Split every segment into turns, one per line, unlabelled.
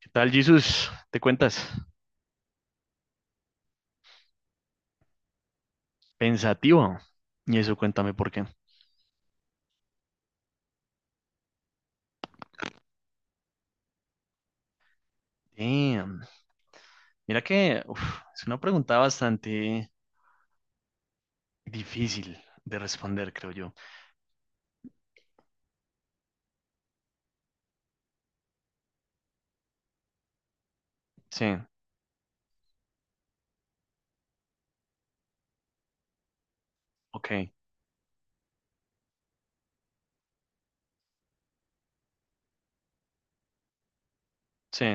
¿Qué tal, Jesús? ¿Te cuentas? Pensativo. Y eso, cuéntame por qué. Damn. Mira que uf, es una pregunta bastante difícil de responder, creo yo. Sí, ok, sí,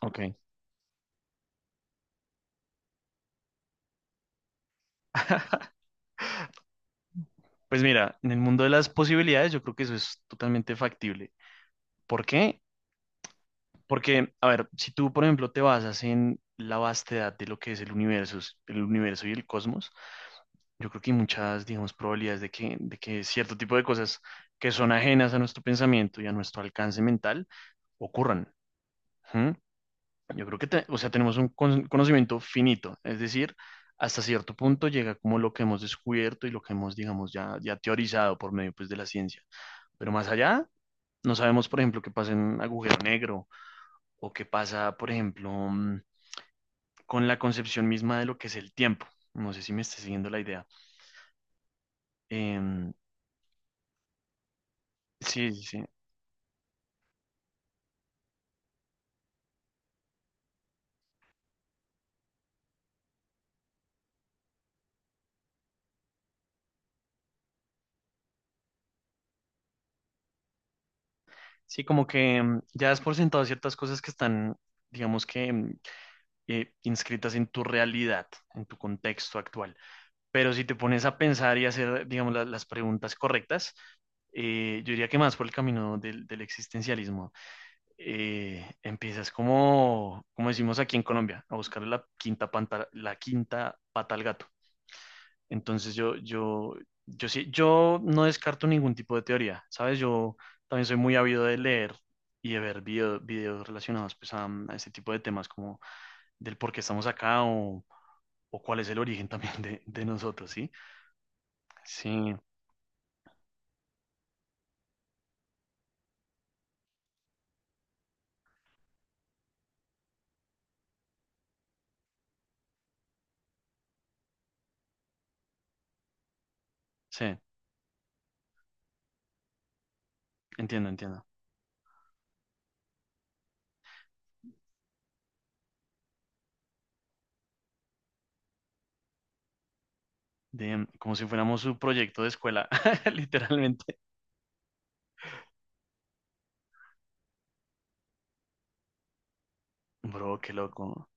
ok. Pues mira, en el mundo de las posibilidades yo creo que eso es totalmente factible. ¿Por qué? Porque, a ver, si tú, por ejemplo, te basas en la vastedad de lo que es el universo y el cosmos, yo creo que hay muchas, digamos, probabilidades de que cierto tipo de cosas que son ajenas a nuestro pensamiento y a nuestro alcance mental ocurran. ¿Mm? Yo creo que, o sea, tenemos un conocimiento finito, es decir, hasta cierto punto llega como lo que hemos descubierto y lo que hemos, digamos, ya teorizado por medio, pues, de la ciencia. Pero más allá, no sabemos, por ejemplo, qué pasa en un agujero negro o qué pasa, por ejemplo, con la concepción misma de lo que es el tiempo. No sé si me está siguiendo la idea. Em, sí, sí, sí. Sí, como que ya has por sentado ciertas cosas que están, digamos que, inscritas en tu realidad, en tu contexto actual. Pero si te pones a pensar y hacer, digamos, las preguntas correctas, yo diría que más por el camino del existencialismo. Empiezas como decimos aquí en Colombia, a buscar la quinta, la quinta pata al gato. Entonces yo no descarto ningún tipo de teoría, ¿sabes? Yo también soy muy ávido de leer y de ver videos relacionados pues a este tipo de temas como del por qué estamos acá o cuál es el origen también de nosotros, ¿sí? Sí, sí, entiendo, entiendo. Como si fuéramos su proyecto de escuela, literalmente. Bro, qué loco.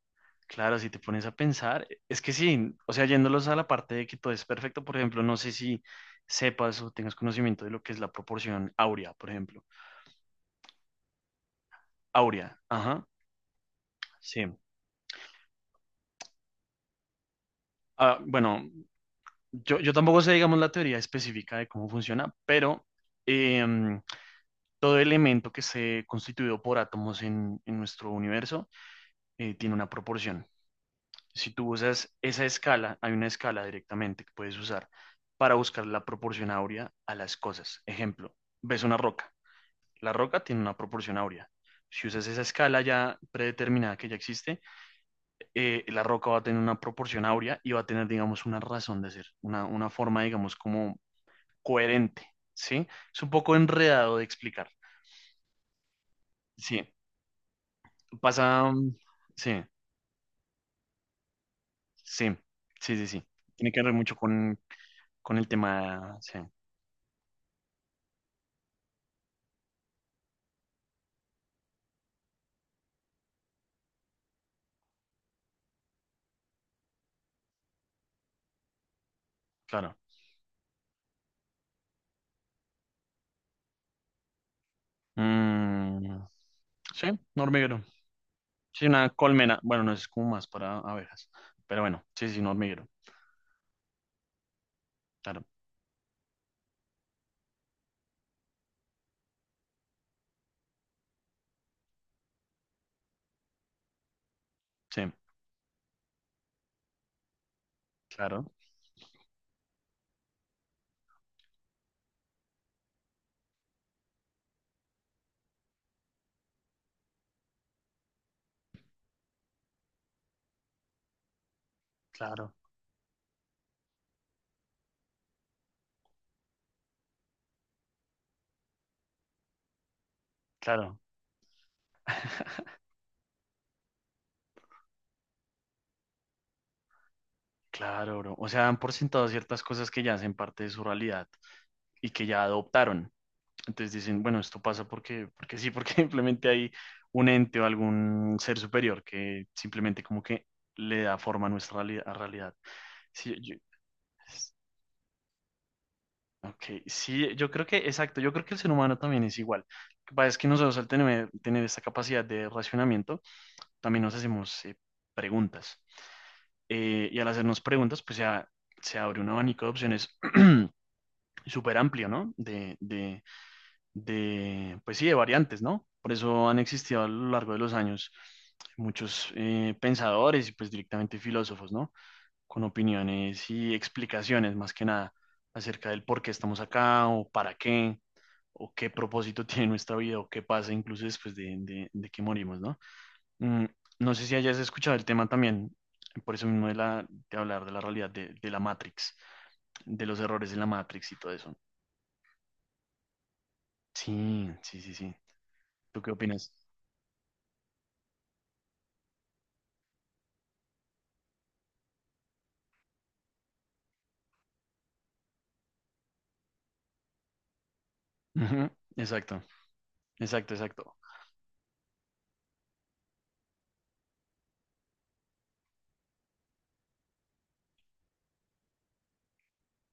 Claro, si te pones a pensar, es que sí, o sea, yéndolos a la parte de que todo es perfecto, por ejemplo, no sé si sepas o tengas conocimiento de lo que es la proporción áurea, por ejemplo. Áurea, ajá, sí. Ah, bueno, yo tampoco sé, digamos, la teoría específica de cómo funciona, pero em, todo elemento que se constituido por átomos en nuestro universo tiene una proporción. Si tú usas esa escala, hay una escala directamente que puedes usar para buscar la proporción áurea a las cosas. Ejemplo, ves una roca. La roca tiene una proporción áurea. Si usas esa escala ya predeterminada que ya existe, la roca va a tener una proporción áurea y va a tener, digamos, una razón de ser, una forma, digamos, como coherente, ¿sí? Es un poco enredado de explicar. Sí, pasa, mm, sí, sí, sí, sí, sí. Tiene que ver mucho con el tema, sí, claro. Mm, sí, un hormiguero. Sí, una colmena. Bueno, no es como más para abejas. Pero bueno, sí, sí, un hormiguero. Claro, sí, claro, claro, claro, claro, bro. O sea, dan por sentado ciertas cosas que ya hacen parte de su realidad y que ya adoptaron. Entonces dicen, bueno, esto pasa porque sí, porque simplemente hay un ente o algún ser superior que simplemente como que le da forma a nuestra a realidad. Sí, ok, sí, yo creo que, exacto, yo creo que el ser humano también es igual. Lo que pasa es que nosotros al tener esta capacidad de racionamiento, también nos hacemos preguntas. Y al hacernos preguntas, pues ya se abre un abanico de opciones súper amplio, ¿no? De, pues sí, de variantes, ¿no? Por eso han existido a lo largo de los años muchos pensadores y pues directamente filósofos, ¿no? Con opiniones y explicaciones más que nada acerca del por qué estamos acá o para qué o qué propósito tiene nuestra vida o qué pasa incluso después de que morimos, ¿no? Mm, no sé si hayas escuchado el tema también, por eso mismo de hablar de la realidad de la Matrix, de los errores de la Matrix y todo eso. Sí, sí, sí, sí. ¿Tú qué opinas? Ujú, exacto, exacto, exacto.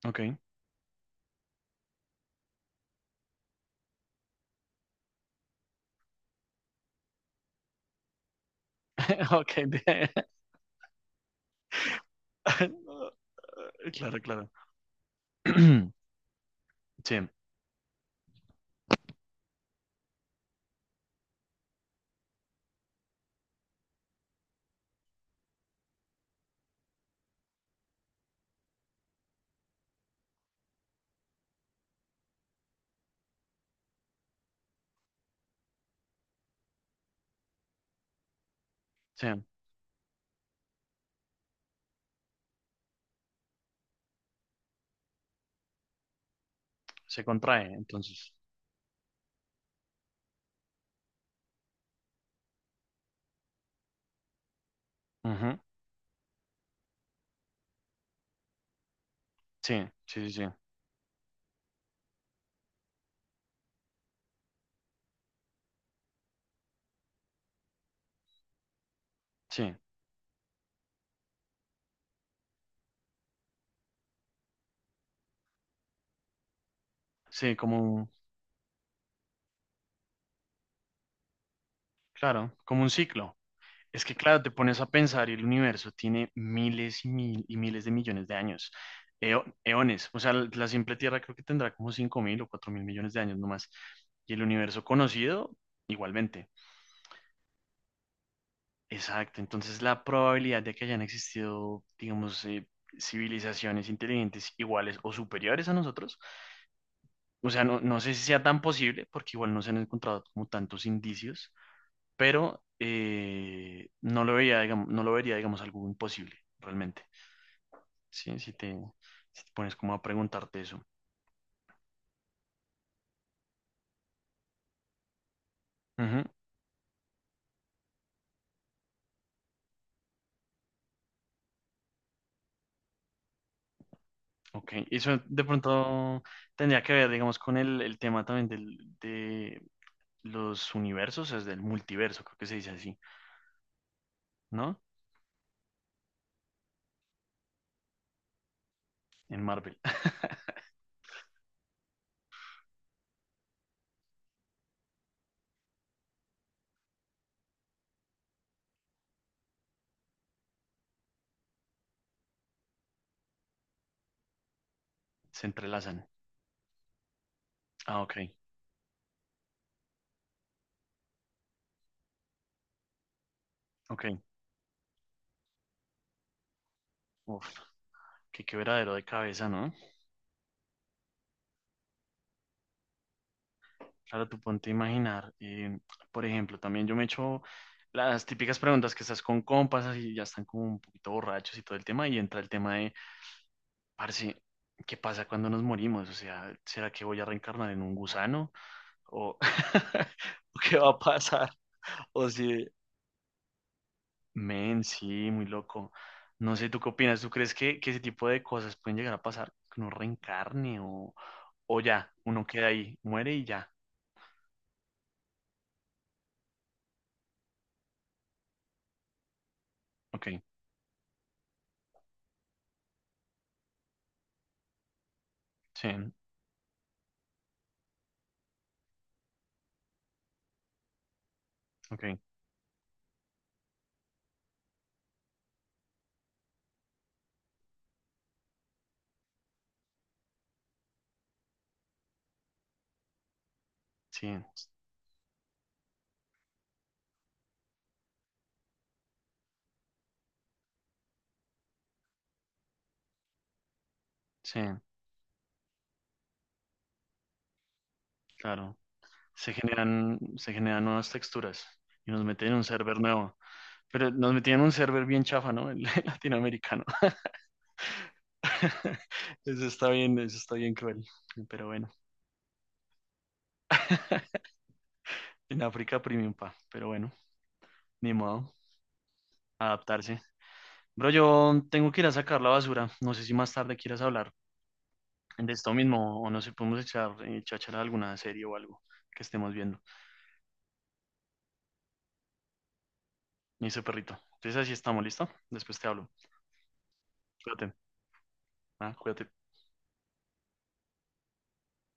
Ok, ok. Claro, claro. Sí, sí. Se contrae, entonces. Ujú, sí, sí, sí, sí, sí, sí, claro, como un ciclo. Es que, claro, te pones a pensar y el universo tiene miles y, miles de millones de años, eones. O sea, la simple Tierra creo que tendrá como 5000 o 4000 millones de años nomás. Y el universo conocido, igualmente. Exacto. Entonces, la probabilidad de que hayan existido, digamos, civilizaciones inteligentes iguales o superiores a nosotros. O sea, no, no sé si sea tan posible, porque igual no se han encontrado como tantos indicios, pero no lo veía, digamos, no lo vería, digamos, algo imposible, realmente. Sí, si te pones como a preguntarte eso. Ujú, ok, eso de pronto tendría que ver, digamos, con el tema también del, de los universos, es del multiverso, creo que se dice así, ¿no? En Marvel, se entrelazan. Ah, ok, ok. Uf, qué quebradero de cabeza, ¿no? Claro, tú ponte a imaginar. Por ejemplo, también yo me echo las típicas preguntas que estás con compas y ya están como un poquito borrachos y todo el tema, y entra el tema de, parce, ¿qué pasa cuando nos morimos? O sea, ¿será que voy a reencarnar en un gusano? ¿O qué va a pasar? O si, men, sí, muy loco. No sé, ¿tú qué opinas? ¿Tú crees que ese tipo de cosas pueden llegar a pasar? Que uno reencarne o ya, uno queda ahí, muere y ya. Ok, sí, ok, sí. Sí, claro. Se generan nuevas texturas y nos meten en un server nuevo. Pero nos metían en un server bien chafa, ¿no? El latinoamericano. Eso está bien cruel. Pero bueno, en África premium, pa. Pero bueno, ni modo, adaptarse. Bro, yo tengo que ir a sacar la basura. No sé si más tarde quieras hablar de esto mismo o no sé, podemos echar, chachar alguna serie o algo que estemos viendo. Me dice perrito. Entonces así estamos, ¿listo? Después te hablo. Cuídate. Ah, cuídate.